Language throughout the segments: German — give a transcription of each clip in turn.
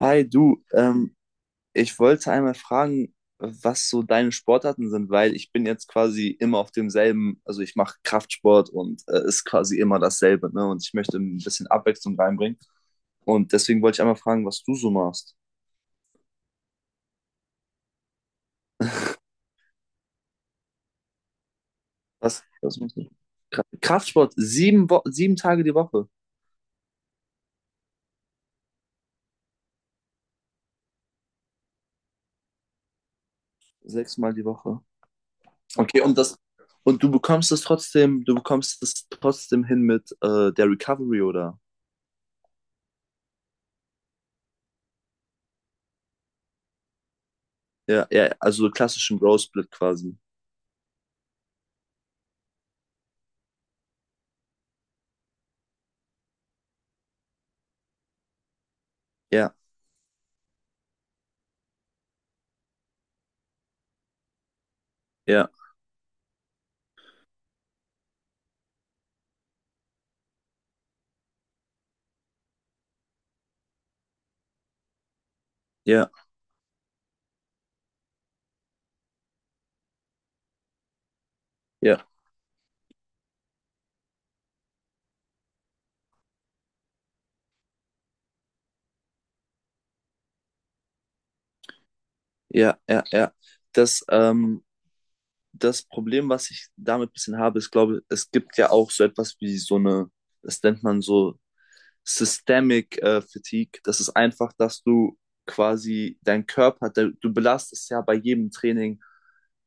Hi du, ich wollte einmal fragen, was so deine Sportarten sind, weil ich bin jetzt quasi immer auf demselben, also ich mache Kraftsport und ist quasi immer dasselbe, ne? Und ich möchte ein bisschen Abwechslung reinbringen. Und deswegen wollte ich einmal fragen, was du so machst. Was machst du? Kraftsport, sieben Tage die Woche, sechsmal die Woche. Okay, und das, und du bekommst es trotzdem, du bekommst es trotzdem hin mit der Recovery, oder? Ja, ja, also klassischen Bro-Split quasi. Ja. Ja, ja, ja, ja, ja, ja. Das, ähm, Das Problem, was ich damit ein bisschen habe, ist, glaube ich, es gibt ja auch so etwas wie so eine, das nennt man so Systemic Fatigue. Das ist einfach, dass du quasi dein Körper, der, du belastest ja bei jedem Training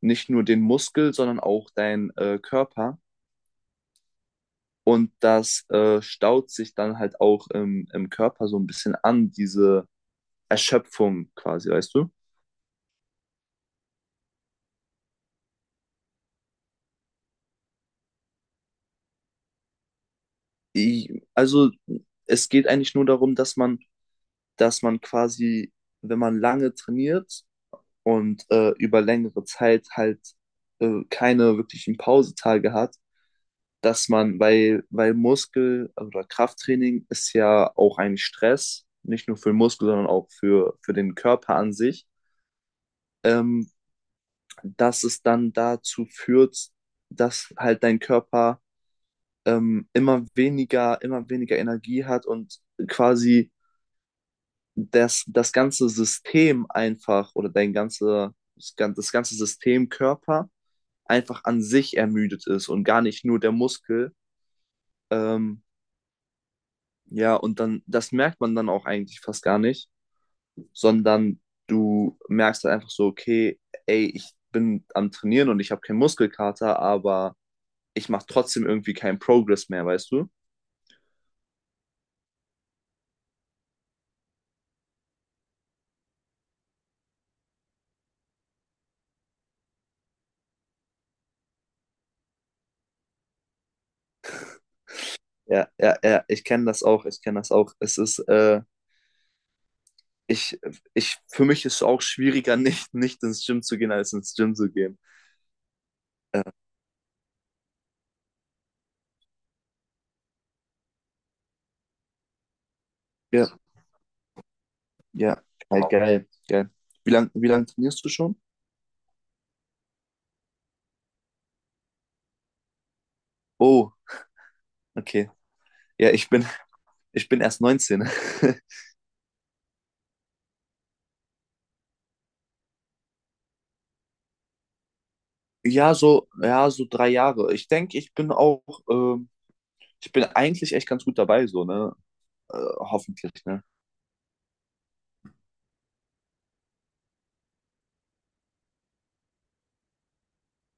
nicht nur den Muskel, sondern auch dein Körper. Und das staut sich dann halt auch im Körper so ein bisschen an, diese Erschöpfung quasi, weißt du? Also es geht eigentlich nur darum, dass man quasi, wenn man lange trainiert und über längere Zeit halt keine wirklichen Pausetage hat, dass man, weil Muskel- oder Krafttraining ist ja auch ein Stress, nicht nur für den Muskel, sondern für den Körper an sich, ähm, dass es dann dazu führt, dass halt dein Körper immer weniger Energie hat und quasi das ganze System einfach oder dein ganze, das ganze System Körper einfach an sich ermüdet ist und gar nicht nur der Muskel. Ähm, ja, und dann, das merkt man dann auch eigentlich fast gar nicht, sondern du merkst halt einfach so, okay, ey, ich bin am Trainieren und ich habe keinen Muskelkater, aber ich mache trotzdem irgendwie keinen Progress mehr, weißt du? Ja, ja, ja, ich kenne das auch. Es ist, ich, ich, für mich ist es auch schwieriger, nicht ins Gym zu gehen, als ins Gym zu gehen. Äh, ja, ja, geil. Wie lang trainierst du schon? Oh, okay. Ja, ich bin, ich bin erst 19. Ja, so, ja, so 3 Jahre. Ich denke, ähm, ich bin eigentlich echt ganz gut dabei, so, ne? Hoffentlich, ne?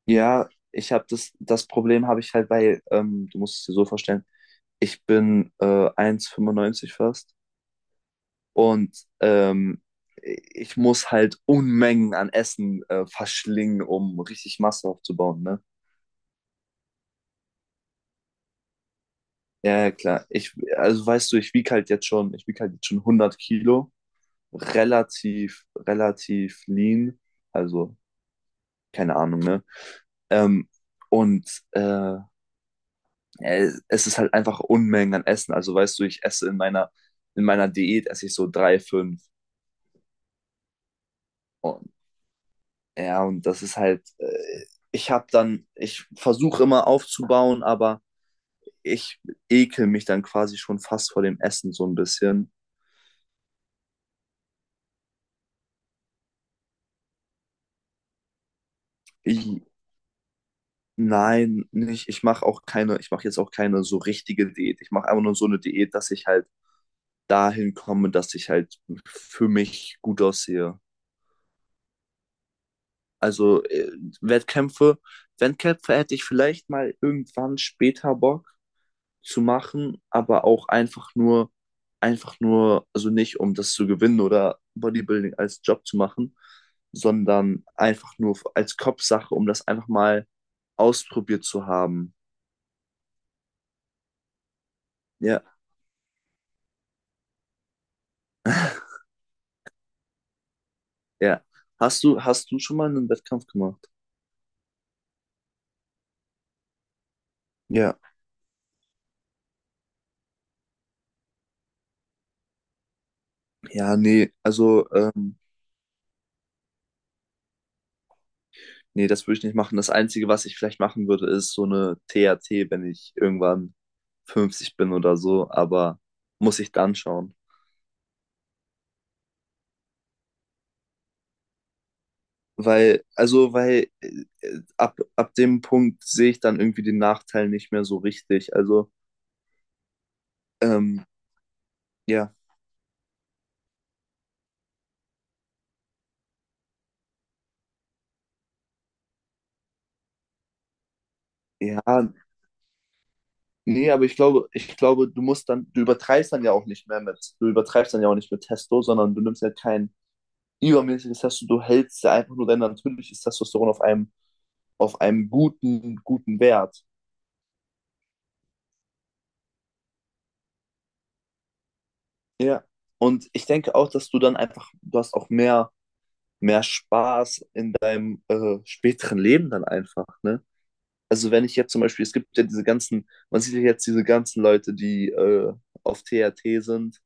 Ja, ich habe das, das Problem habe ich halt, weil, du musst es dir so vorstellen, ich bin 1,95 fast. Und ich muss halt Unmengen an Essen verschlingen, um richtig Masse aufzubauen, ne? Ja, ja, klar. Also weißt du, ich wiege halt jetzt schon 100 Kilo, relativ lean, also keine Ahnung, ne? Ähm, und äh, es ist halt einfach Unmengen an Essen. Also weißt du, ich esse in meiner Diät esse ich so drei, fünf. Oh. Ja, und das ist halt, ich versuche immer aufzubauen, aber ich ekel mich dann quasi schon fast vor dem Essen so ein bisschen. Ich, nein, nicht. Ich mache jetzt auch keine so richtige Diät. Ich mache einfach nur so eine Diät, dass ich halt dahin komme, dass ich halt für mich gut aussehe. Also Wettkämpfe, Wettkämpfe hätte ich vielleicht mal irgendwann später Bock, zu machen, aber einfach nur, also nicht um das zu gewinnen oder Bodybuilding als Job zu machen, sondern einfach nur als Kopfsache, um das einfach mal ausprobiert zu haben. Ja, ja. Hast du schon mal einen Wettkampf gemacht? Ja. Ja, nee, nee, das würde ich nicht machen. Das Einzige, was ich vielleicht machen würde, ist so eine TAT, wenn ich irgendwann 50 bin oder so, aber muss ich dann schauen. Weil ab dem Punkt sehe ich dann irgendwie den Nachteil nicht mehr so richtig. Also, ähm, ja, ja, nee, aber ich glaube, du musst dann, du übertreibst dann ja auch nicht mit Testo, sondern du nimmst ja kein übermäßiges Testo, du hältst ja einfach nur dein natürliches Testosteron auf einem, guten Wert. Ja. Und ich denke auch, dass du dann einfach, du hast auch mehr, mehr Spaß in deinem späteren Leben dann einfach, ne? Also wenn ich jetzt zum Beispiel, es gibt ja diese ganzen, man sieht ja jetzt diese ganzen Leute, die auf TRT sind.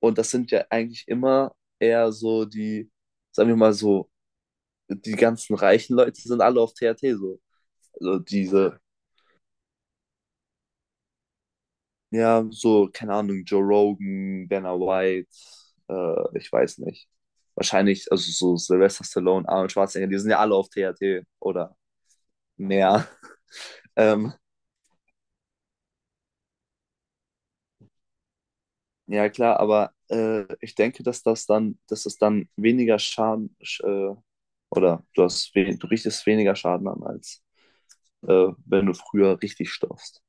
Und das sind ja eigentlich immer eher so die, sagen wir mal so, die ganzen reichen Leute sind alle auf TRT so. Also diese, ja, so, keine Ahnung, Joe Rogan, Dana White, ich weiß nicht. Wahrscheinlich, also so Sylvester Stallone, Arnold Schwarzenegger, die sind ja alle auf TRT oder mehr. Ähm, ja, klar, aber ich denke, dass das dann, dass es dann weniger Schaden sch- oder du hast we du richtest weniger Schaden an, als wenn du früher richtig stopfst.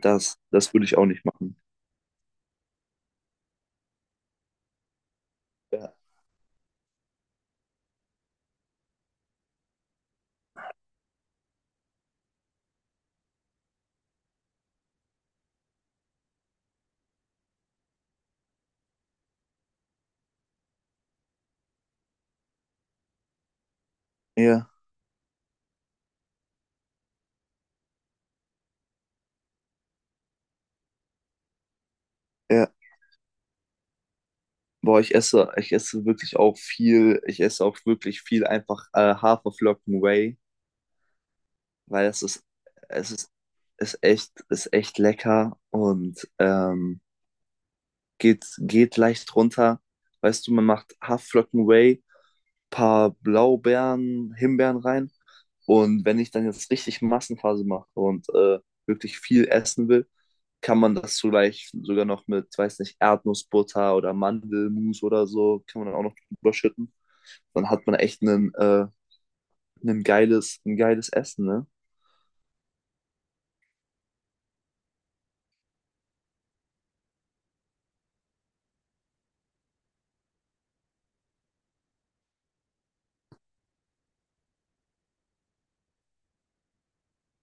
Das würde ich auch nicht machen. Ja. Ja, ja. Boah, ich esse wirklich auch viel, ich esse auch wirklich viel einfach Haferflocken Whey, weil es ist, ist echt lecker und geht leicht runter. Weißt du, man macht Haferflocken Whey, paar Blaubeeren, Himbeeren rein. Und wenn ich dann jetzt richtig Massenphase mache und wirklich viel essen will, kann man das vielleicht sogar noch mit, weiß nicht, Erdnussbutter oder Mandelmus oder so, kann man dann auch noch drüber schütten. Dann hat man echt einen, ein geiles Essen, ne?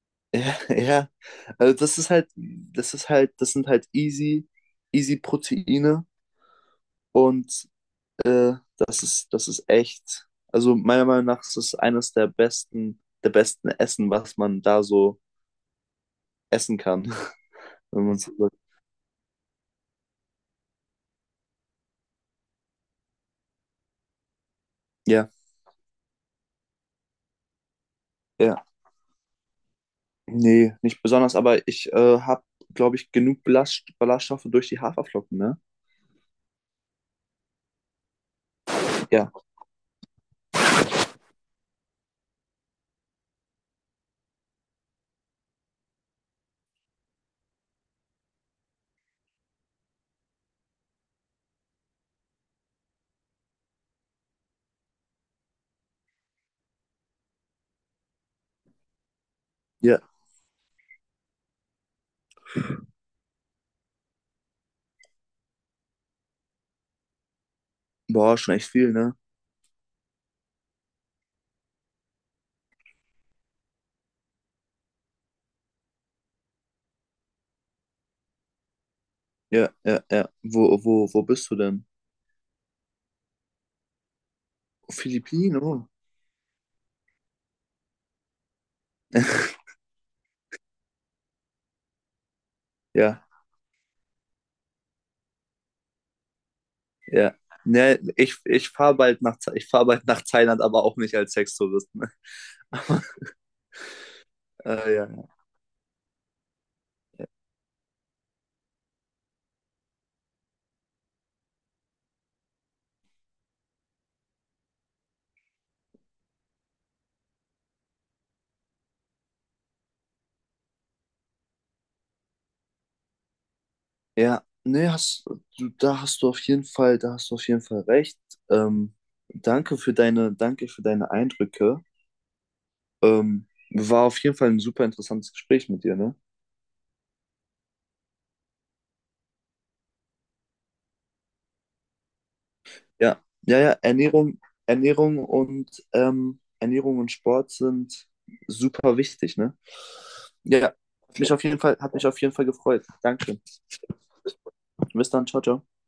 Ja, ja. Also das ist halt, das sind halt easy, easy Proteine und das ist echt, also meiner Meinung nach ist es eines der besten Essen, was man da so essen kann, wenn man so sagt. Ja, ja. Nee, nicht besonders, aber ich glaube ich, genug Ballaststoffe durch die Haferflocken, ne? Ja, ja. Boah, schon echt viel, ne? Ja, ja, ja. Wo bist du denn? Philippinen, oh. Ja, ja. Ne, ich fahr bald nach Thailand, aber auch nicht als Sextourist, ne? Ja, ja. Ja, nee, da hast du auf jeden Fall, da hast du auf jeden Fall recht. Ähm, danke für deine Eindrücke. War auf jeden Fall ein super interessantes Gespräch mit dir, ne? Ja, ja, ja, Ernährung und Ernährung und Sport sind super wichtig, ne? Ja, hat mich auf jeden Fall, hat mich auf jeden Fall gefreut. Danke. Bis dann, ciao, ciao.